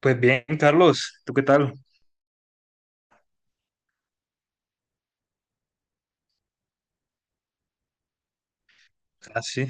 Pues bien, Carlos, ¿tú qué tal? Así.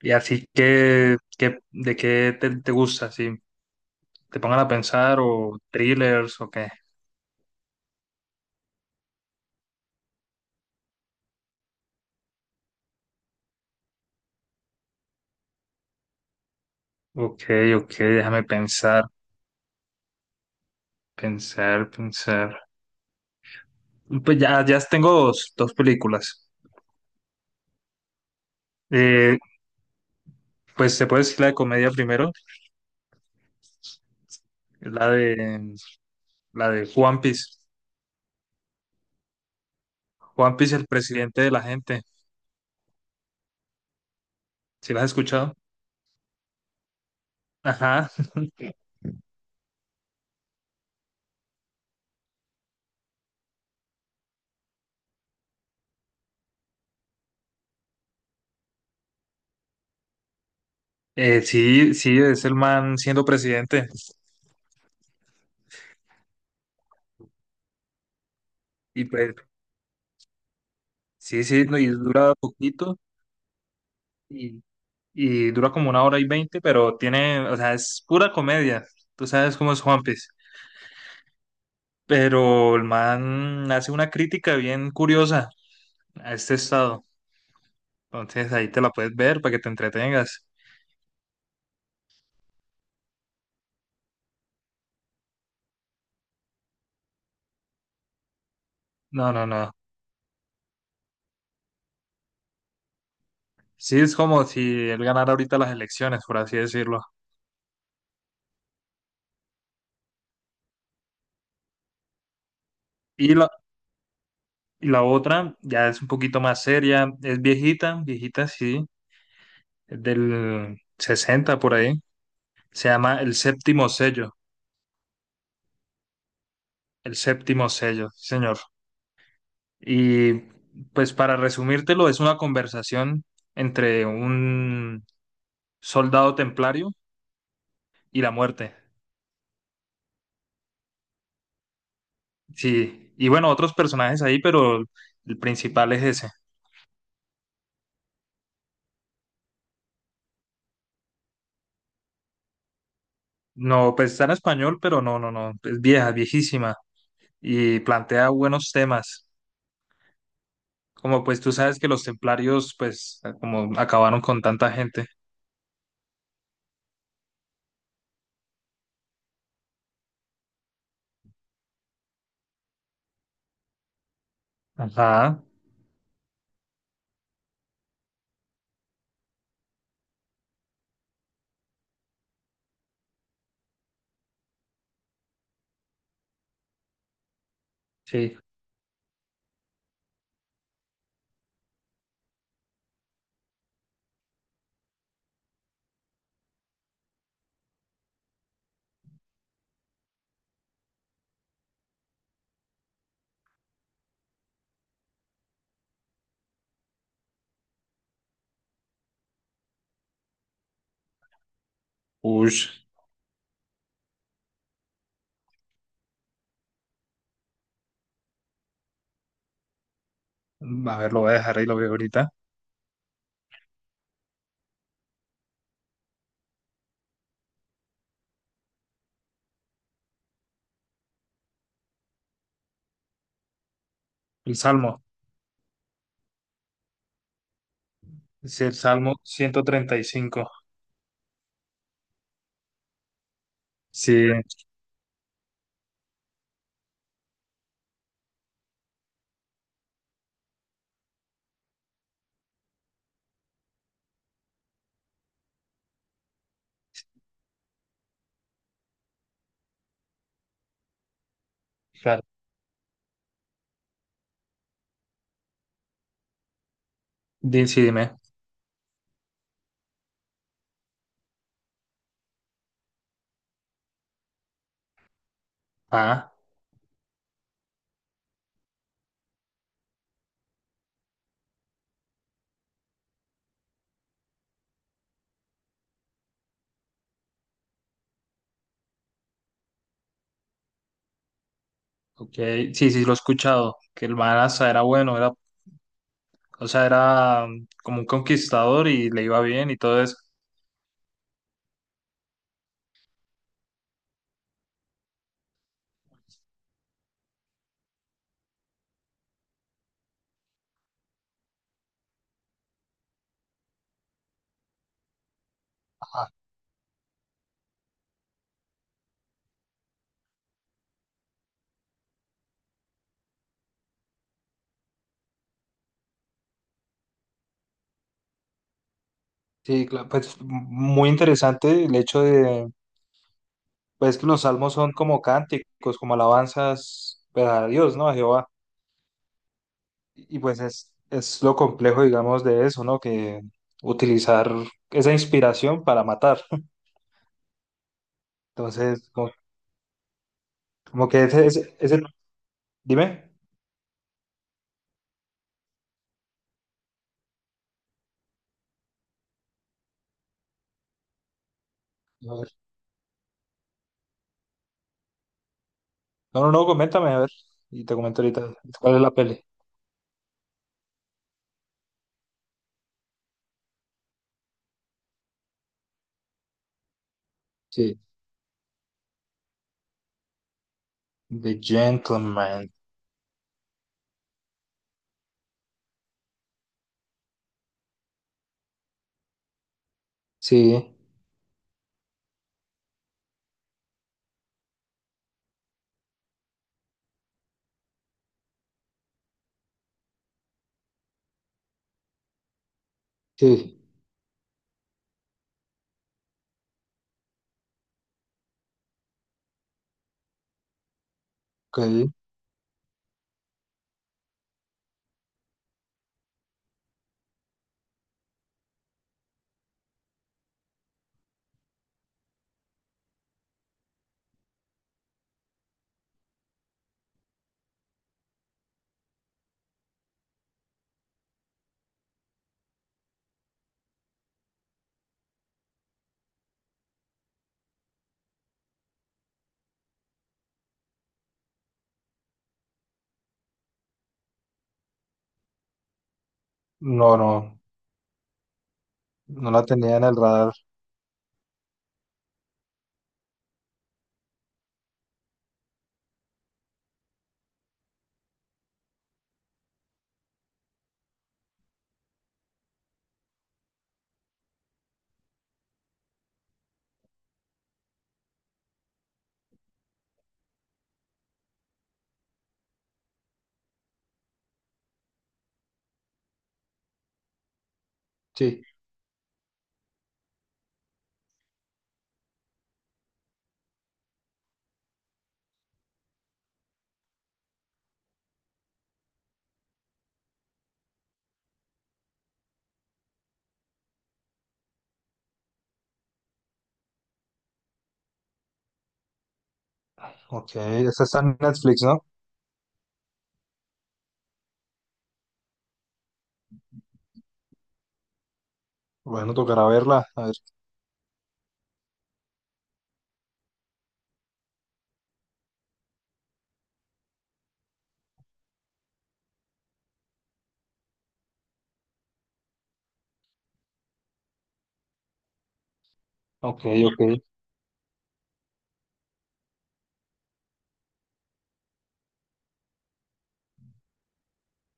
Y así ¿de qué te gusta? Si te pongan a pensar o thrillers o qué. Ok, ok, déjame pensar. Pues ya tengo dos películas. Eh, pues se puede decir la de comedia primero, la de la de One Piece. One Piece, el presidente de la gente. ¿Sí la has escuchado? Ajá. Sí, sí, es el man siendo presidente. Y pues sí, sí, no, y dura poquito y, y dura como 1 hora y 20, pero tiene, o sea, es pura comedia. Tú sabes cómo es Juanpis. Pero el man hace una crítica bien curiosa a este estado. Entonces ahí te la puedes ver para que te entretengas. No, no, no. Sí, es como si él ganara ahorita las elecciones, por así decirlo. Y la, y la otra ya es un poquito más seria, es viejita, viejita, sí, es del 60 por ahí. Se llama El Séptimo Sello. El Séptimo Sello, sí, señor. Y pues para resumírtelo, es una conversación entre un soldado templario y la muerte. Sí, y bueno, otros personajes ahí, pero el principal es ese. No, pues está en español, pero no, no, no, es vieja, viejísima y plantea buenos temas. Como pues tú sabes que los templarios pues como acabaron con tanta gente. Ajá, sí. Ush, a ver, lo voy a dejar ahí, lo veo ahorita. El Salmo. Es el Salmo 135. Sí, claro. Sí, dime. Ah, ok. Sí, sí, lo he escuchado. Que el man hasta era bueno, o sea, era como un conquistador y le iba bien y todo eso. Ajá. Sí, claro, pues muy interesante el hecho de, pues que los salmos son como cánticos, como alabanzas pues, a Dios, ¿no? A Jehová. Y pues es lo complejo, digamos, de eso, ¿no? Que utilizar esa inspiración para matar. Entonces, como como que dime. A ver. No, no, no, coméntame, a ver. Y te comento ahorita cuál es la peli. Sí. The Gentleman. Sí, sí. Ok. No, no. No la tenía en el radar. Sí. Ok. Esa está en Netflix, ¿no? Bueno, tocará verla. A ver. Ok, ok.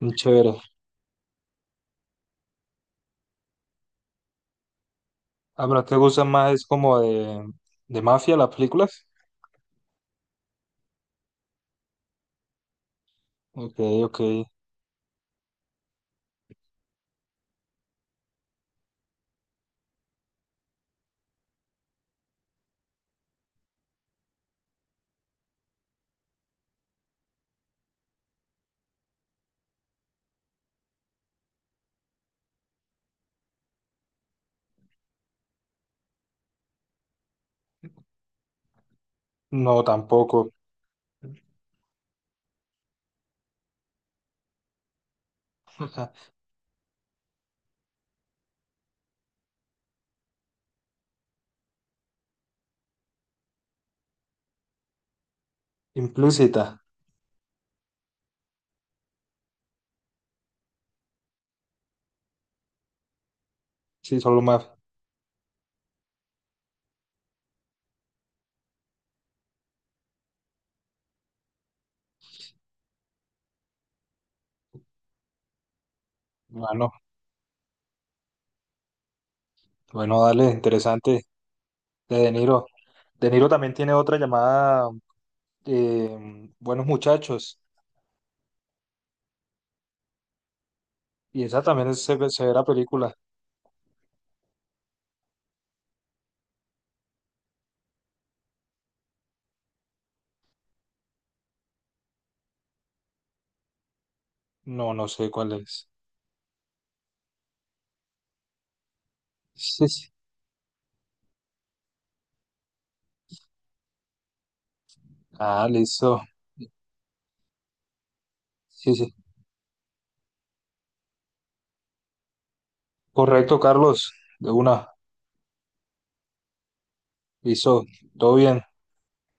Muy chévere. Ah, pero ¿te gusta más? Es como de mafia las películas. Ok, ok. No, tampoco. Implícita. Sí, solo mafia. Bueno, bueno, dale, interesante. De De Niro. De Niro también tiene otra llamada Buenos Muchachos. Y esa también se ve severa película. No, no sé cuál es. Sí, sí. Ah, listo. Sí, sí. Correcto, Carlos. De una. Listo. Todo bien.